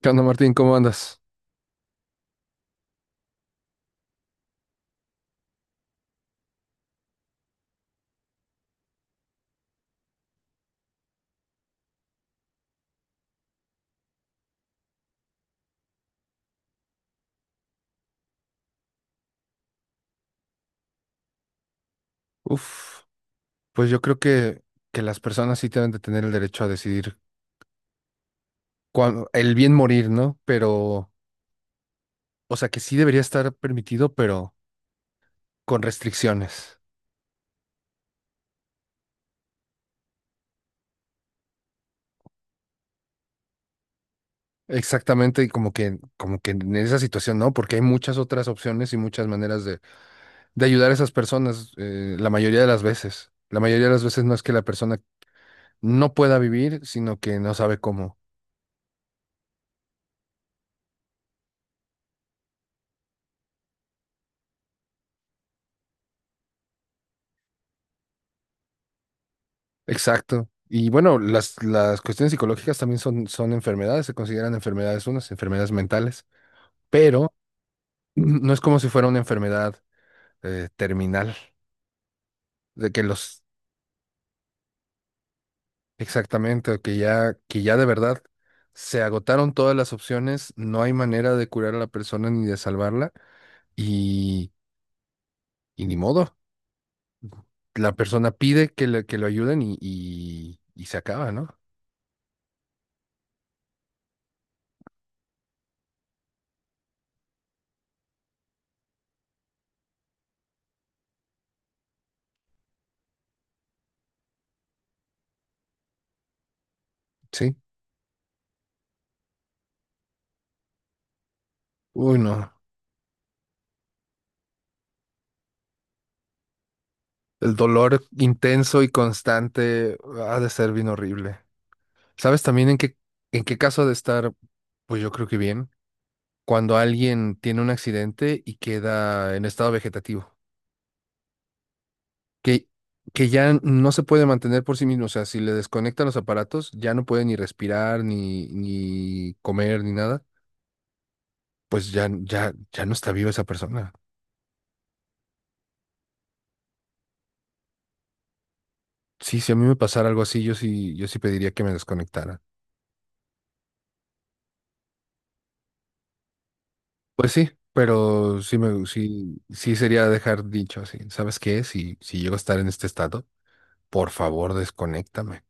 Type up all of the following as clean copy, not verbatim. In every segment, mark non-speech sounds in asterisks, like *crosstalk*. ¿Qué onda, Martín? ¿Cómo andas? Uf, pues yo creo que las personas sí deben de tener el derecho a decidir el bien morir, ¿no? Pero, o sea, que sí debería estar permitido, pero con restricciones. Exactamente, y como que en esa situación, ¿no? Porque hay muchas otras opciones y muchas maneras de ayudar a esas personas, la mayoría de las veces. La mayoría de las veces no es que la persona no pueda vivir, sino que no sabe cómo. Exacto. Y bueno, las cuestiones psicológicas también son enfermedades, se consideran enfermedades unas, enfermedades mentales, pero *clears throat* no es como si fuera una enfermedad terminal, de que los, exactamente, o que ya de verdad se agotaron todas las opciones, no hay manera de curar a la persona ni de salvarla, y, y ni modo. La persona pide que, que lo ayuden y se acaba, ¿no? Sí. Uy, no. El dolor intenso y constante ah, ha de ser bien horrible. ¿Sabes también en en qué caso ha de estar? Pues yo creo que bien. Cuando alguien tiene un accidente y queda en estado vegetativo, que, que ya no se puede mantener por sí mismo. O sea, si le desconectan los aparatos, ya no puede ni respirar, ni comer, ni nada. Pues ya no está viva esa persona. Sí, si a mí me pasara algo así, yo sí pediría que me desconectaran. Pues sí, pero sí sería dejar dicho así. ¿Sabes qué? Si llego a estar en este estado, por favor, desconéctame.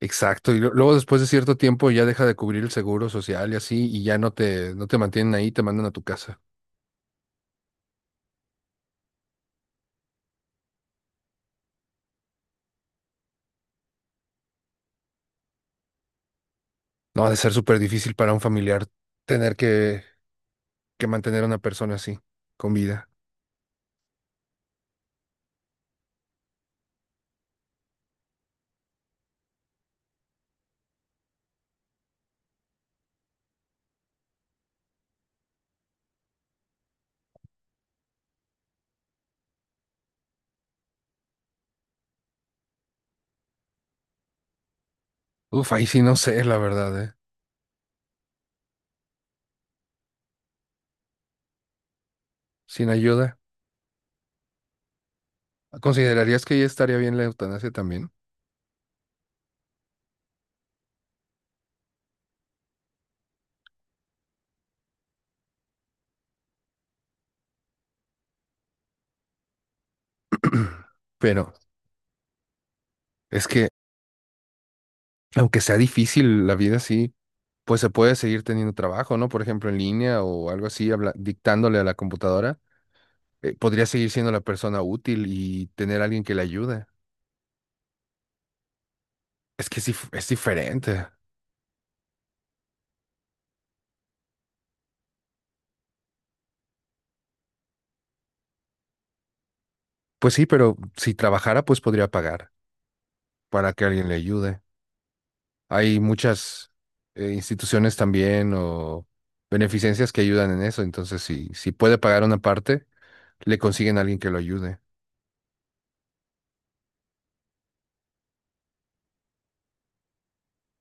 Exacto. Y luego después de cierto tiempo ya deja de cubrir el seguro social y así, y ya no no te mantienen ahí, te mandan a tu casa. No ha de ser súper difícil para un familiar tener que mantener a una persona así, con vida. Uf, ahí sí no sé, la verdad, ¿eh? Sin ayuda. ¿Considerarías que ya estaría bien la eutanasia también? *clears throat* Pero es que, aunque sea difícil, la vida sí. Pues se puede seguir teniendo trabajo, ¿no? Por ejemplo, en línea o algo así, dictándole a la computadora, podría seguir siendo la persona útil y tener alguien que le ayude. Es que sí, es diferente. Pues sí, pero si trabajara, pues podría pagar para que alguien le ayude. Hay muchas instituciones también o beneficencias que ayudan en eso, entonces si puede pagar una parte, le consiguen a alguien que lo ayude.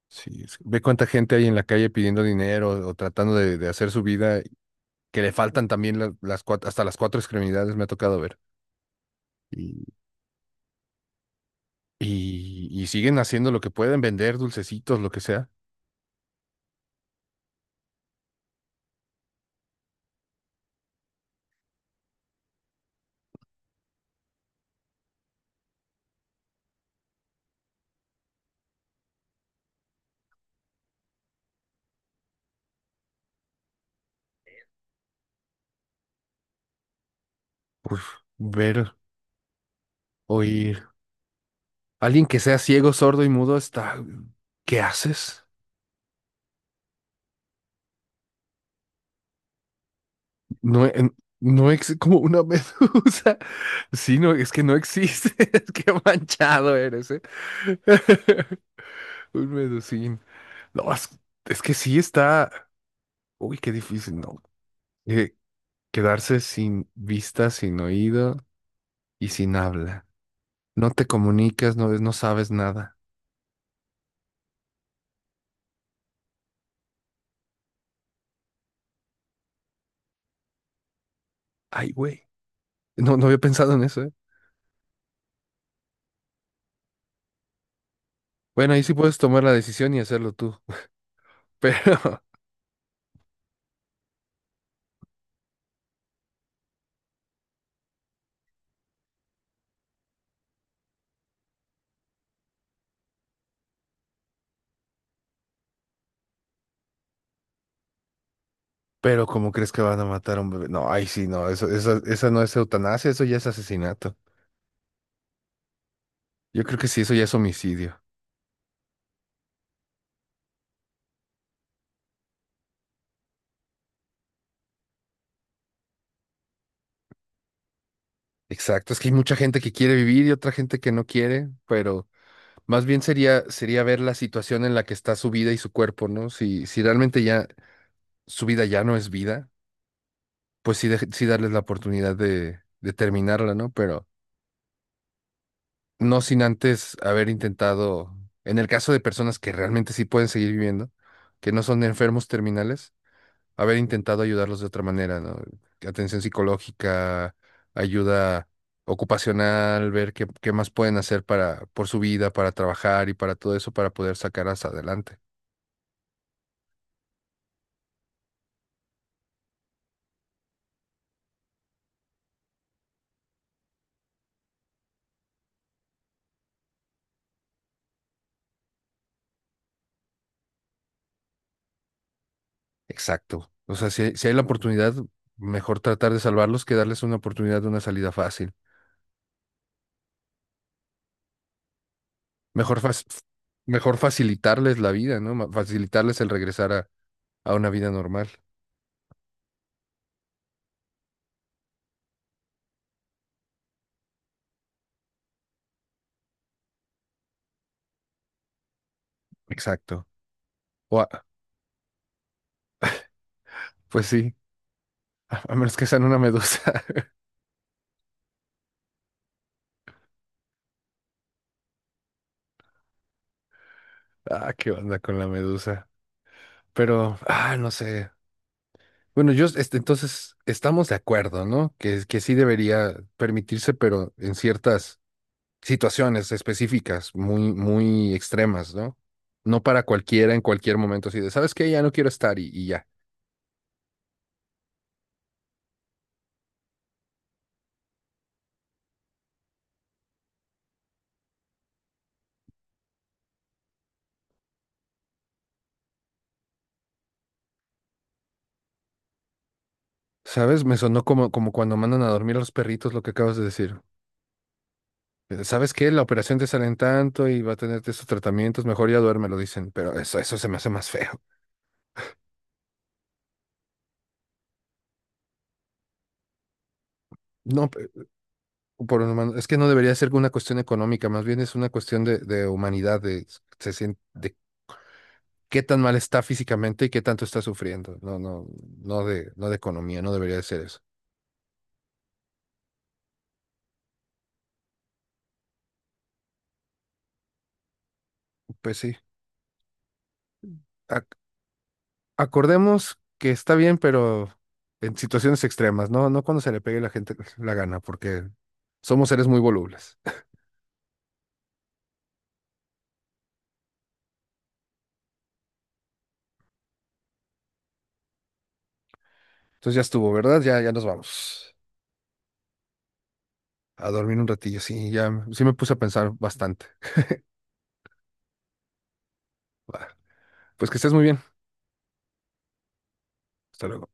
Sí, ve cuánta gente hay en la calle pidiendo dinero o tratando de hacer su vida que le faltan también hasta las cuatro extremidades me ha tocado ver. Y, y siguen haciendo lo que pueden, vender dulcecitos, lo que sea. Uf, ver, oír. Alguien que sea ciego, sordo y mudo está... ¿Qué haces? No, no es como una medusa. *laughs* Sí, no, es que no existe. *laughs* Qué manchado eres, ¿eh? *laughs* Un medusín. No, es que sí está... Uy, qué difícil, ¿no? Eh, quedarse sin vista, sin oído y sin habla. No te comunicas, no ves, no sabes nada. Ay, güey. No, no había pensado en eso, ¿eh? Bueno, ahí sí puedes tomar la decisión y hacerlo tú. *laughs* Pero, pero ¿cómo crees que van a matar a un bebé? No, ay, sí, no, esa no es eutanasia, eso ya es asesinato. Yo creo que sí, eso ya es homicidio. Exacto, es que hay mucha gente que quiere vivir y otra gente que no quiere, pero más bien sería ver la situación en la que está su vida y su cuerpo, ¿no? Si realmente ya su vida ya no es vida, pues sí, sí darles la oportunidad de terminarla, ¿no? Pero no sin antes haber intentado, en el caso de personas que realmente sí pueden seguir viviendo, que no son enfermos terminales, haber intentado ayudarlos de otra manera, ¿no? Atención psicológica, ayuda ocupacional, ver qué más pueden hacer para, por su vida, para trabajar y para todo eso, para poder sacarlas adelante. Exacto. O sea, si hay la oportunidad, mejor tratar de salvarlos que darles una oportunidad de una salida fácil. Mejor, fac- mejor facilitarles la vida, ¿no? Facilitarles el regresar a A una vida normal. Exacto. O pues sí, *laughs* a menos que sean una medusa. *laughs* Ah, qué onda con la medusa. Pero, ah, no sé. Bueno, yo, este, entonces, estamos de acuerdo, ¿no? Que sí debería permitirse, pero en ciertas situaciones específicas, muy extremas, ¿no? No para cualquiera en cualquier momento, así de, ¿sabes qué? Ya no quiero estar y ya. ¿Sabes? Me sonó como cuando mandan a dormir a los perritos, lo que acabas de decir. ¿Sabes qué? La operación te sale en tanto y va a tenerte estos tratamientos, mejor ya duerme, lo dicen, pero eso se me hace más feo. *laughs* No, por un humano, es que no debería ser una cuestión económica, más bien es una cuestión de humanidad, de, de qué tan mal está físicamente y qué tanto está sufriendo. No, no de, no de economía, no debería de ser eso. Pues sí, ac- acordemos que está bien, pero en situaciones extremas, no, no cuando se le pegue la gente la gana, porque somos seres muy volubles. Entonces ya estuvo, ¿verdad? Ya nos vamos. A dormir un ratillo, sí, ya, sí me puse a pensar bastante. Va, pues que estés muy bien. Hasta luego.